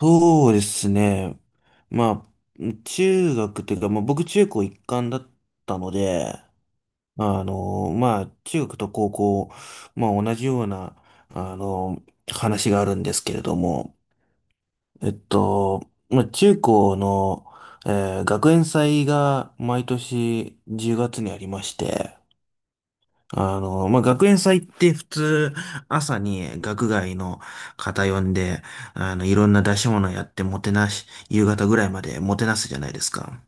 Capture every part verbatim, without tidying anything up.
そうですね。まあ、中学というか、まあ、僕中高一貫だったので、あの、まあ、中学と高校、まあ、同じような、あの、話があるんですけれども、えっと、まあ、中高の、えー学園祭が毎年じゅうがつにありまして、あの、まあ、学園祭って普通、朝に学外の方呼んで、あの、いろんな出し物やってもてなし、夕方ぐらいまでもてなすじゃないですか。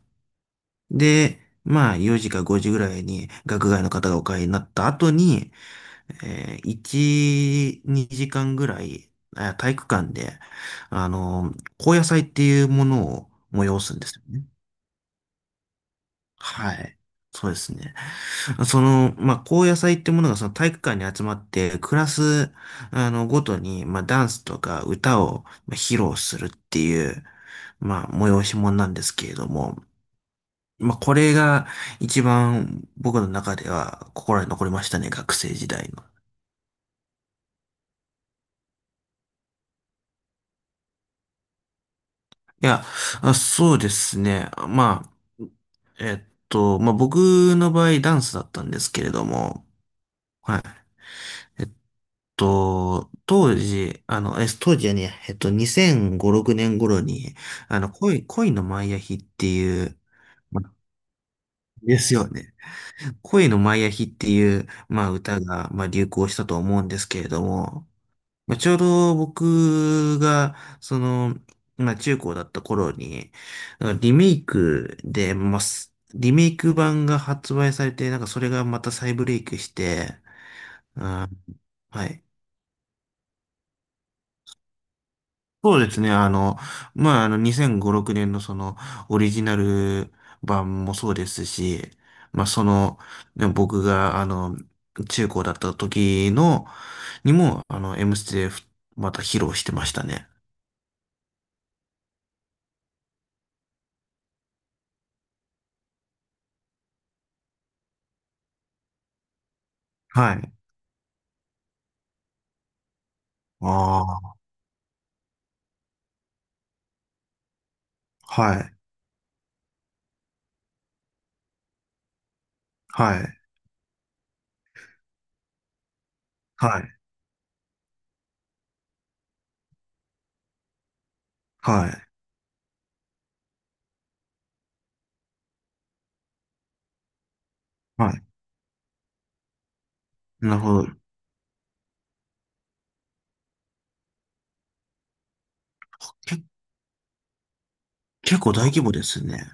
で、まあ、よじかごじぐらいに学外の方がお帰りになった後に、えー、いち、にじかんぐらい、あ体育館で、あの、高野祭っていうものを催すんですよね。はい。そうですね。その、まあ、高野祭ってものがその体育館に集まって、クラス、あの、ごとに、まあ、ダンスとか歌をまあ披露するっていう、まあ、催し物なんですけれども、まあ、これが一番僕の中では心に残りましたね、学生時代の。いや、あ、そうですね。まあ、えっと、まあ、僕の場合ダンスだったんですけれども、はい。と、当時、あの、え、当時はねえ、えっと、にせんご、ろくねん頃に、あの、恋、恋のマイアヒっていう、まですよね。恋のマイアヒっていう、まあ、歌が、まあ、流行したと思うんですけれども、まあ、ちょうど僕が、その、まあ、中高だった頃に、なんかリメイクで、まあ、すリメイク版が発売されて、なんかそれがまた再ブレイクして、うん、はい。そうですね。あの、まあ、あの、にせんご年のその、オリジナル版もそうですし、まあ、その、ね、僕が、あの、中高だった時の、にも、あの、エムステでまた披露してましたね。はい。ああ、はい、はい、はい、はい、はい。なるほど。け、結構大規模ですね。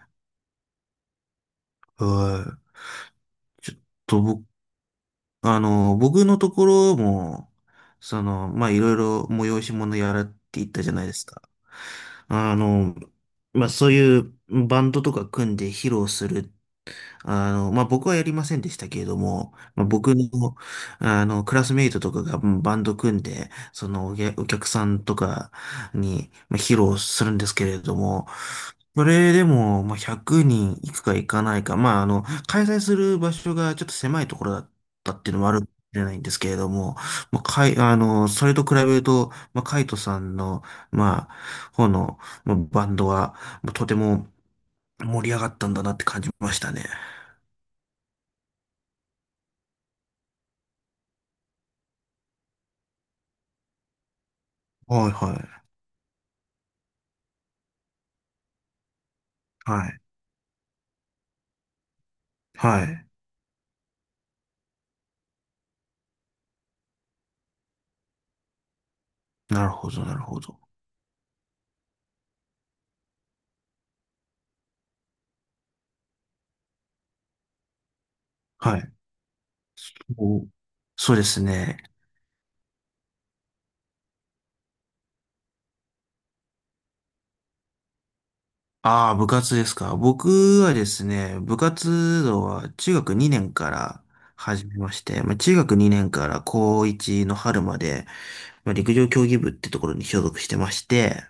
はい。ちょっと僕あの、僕のところも、その、まあ、いろいろ催し物やらって言ったじゃないですか。あの、まあ、そういうバンドとか組んで披露する、あの、まあ、僕はやりませんでしたけれども、まあ、僕の、あの、クラスメイトとかが、うん、バンド組んで、そのお客、お客さんとかに、まあ、披露するんですけれども、それでも、まあ、ひゃくにんいくかいかないか、まあ、あの、開催する場所がちょっと狭いところだったっていうのもあるかもしれないんですけれども、まあ、かい、あの、それと比べると、まあ、カイトさんの、まあ、方の、まあバンドは、まあとても盛り上がったんだなって感じましたね。はいはいはい。はい。なるほど、なるほど。はい。お、そうですね。ああ、部活ですか。僕はですね、部活動は中学にねんから始めまして、まあ、中学にねんから高いちの春まで、まあ、陸上競技部ってところに所属してまして、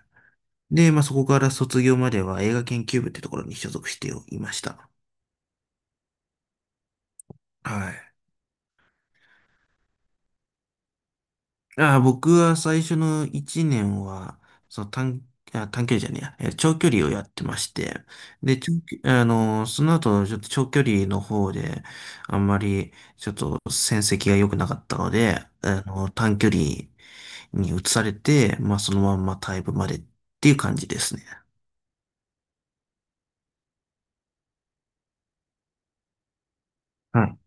で、まあ、そこから卒業までは映画研究部ってところに所属していました。はい。ああ、僕は最初のいちねんは、その短、あ、短距離じゃねえや、えー長距離をやってまして、で、長距あのー、その後、ちょっと長距離の方で、あんまり、ちょっと戦績が良くなかったので、あのー、短距離に移されて、まあ、そのまんまタイ部までっていう感じですね。はい。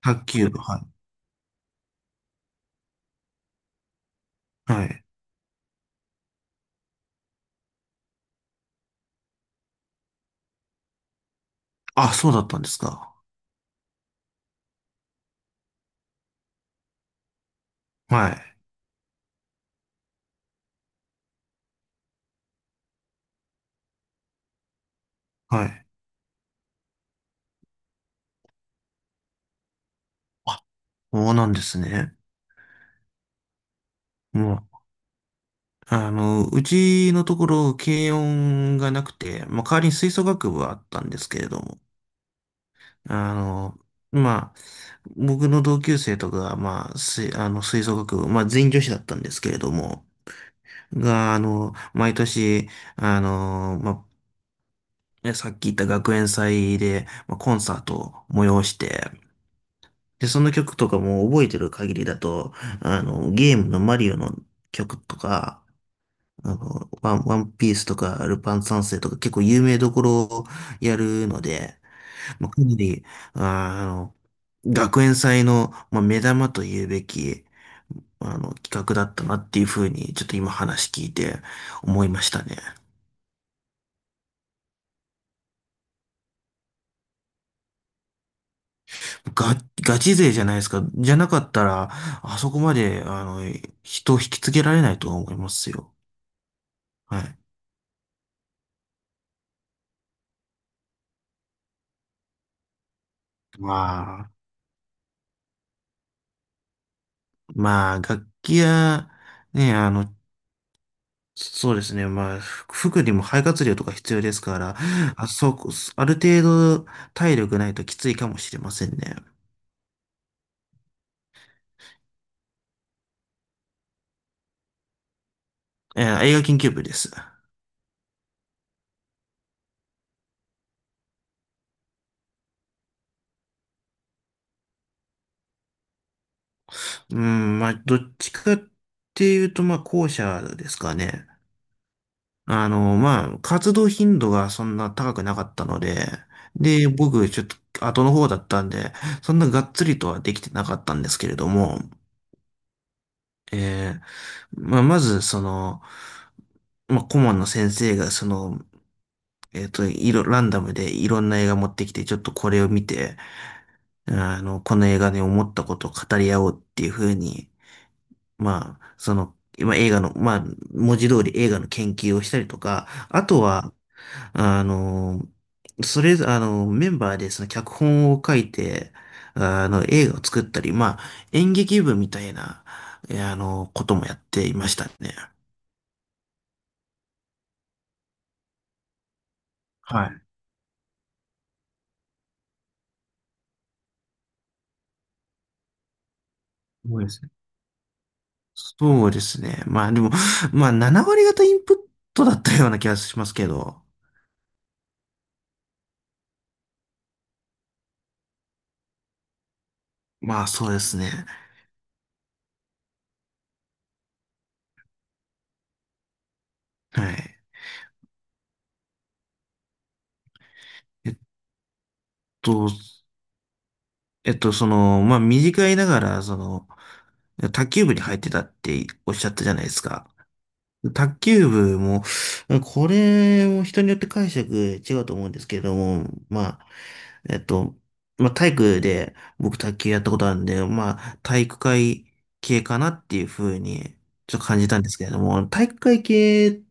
卓球部、はい。はい。あ、そうだったんですか。はい。はい。あ、そうなんですね。うん、あの、うちのところ、軽音がなくて、まあ、代わりに吹奏楽部はあったんですけれども、あの、まあ、僕の同級生とかが、まあ、吹、あの、吹奏楽部、まあ、全員女子だったんですけれども、が、あの、毎年、あの、まあ、ね、さっき言った学園祭で、まあ、コンサートを催して、で、その曲とかも覚えてる限りだと、あの、ゲームのマリオの曲とか、あの、ワン、ワンピースとか、ルパン三世とか、結構有名どころをやるので、まあ、かなり、あーあの、学園祭の、まあ、目玉と言うべき、あの、企画だったなっていうふうに、ちょっと今話聞いて思いましたね。ガ、ガチ勢じゃないですか。じゃなかったら、あそこまで、あの、人を引きつけられないと思いますよ。はい。まあ、まあ、楽器や、ね、あの、そうですね。まあ、ふ服にも肺活量とか必要ですから、あ、そうこ、ある程度体力ないときついかもしれませんね。えー映画研究部です。うん、まあ、どっちかっていうと、まあ、後者ですかね。あの、まあ、活動頻度がそんな高くなかったので、で、僕、ちょっと後の方だったんで、そんながっつりとはできてなかったんですけれども、えーまあ、まず、その、まあ、顧問の先生が、その、えっと、いろ、ランダムでいろんな映画持ってきて、ちょっとこれを見て、あの、この映画で思ったことを語り合おうっていう風に、まあ、その、今映画の、まあ、文字通り映画の研究をしたりとか、あとは、あの、それ、あの、メンバーでその脚本を書いて、あの、映画を作ったり、まあ、演劇部みたいな、えあの、こともやっていましたね。はい。そうです、そうですね。まあでも、まあなな割方インプットだったような気がしますけど。まあそうですね。はい。えっと、えっと、その、まあ短いながら、その、卓球部に入ってたっておっしゃったじゃないですか。卓球部も、これも人によって解釈違うと思うんですけれども、まあ、えっと、まあ、体育で僕卓球やったことあるんで、まあ、体育会系かなっていうふうにちょっと感じたんですけれども、体育会系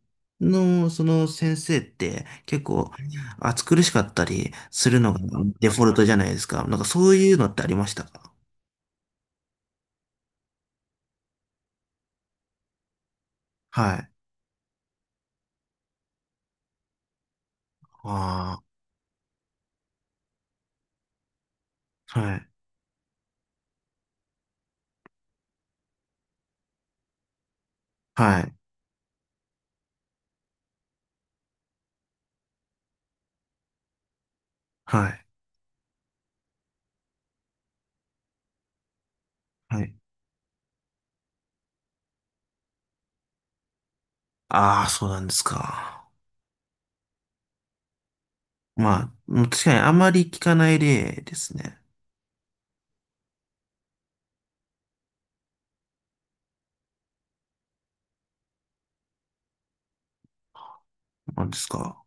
のその先生って結構暑苦しかったりするのがデフォルトじゃないですか。なんかそういうのってありましたか？はい。ああ、はい。はい。はい。はい。ああ、そうなんですか。まあ、確かにあまり聞かない例ですね。なんですか。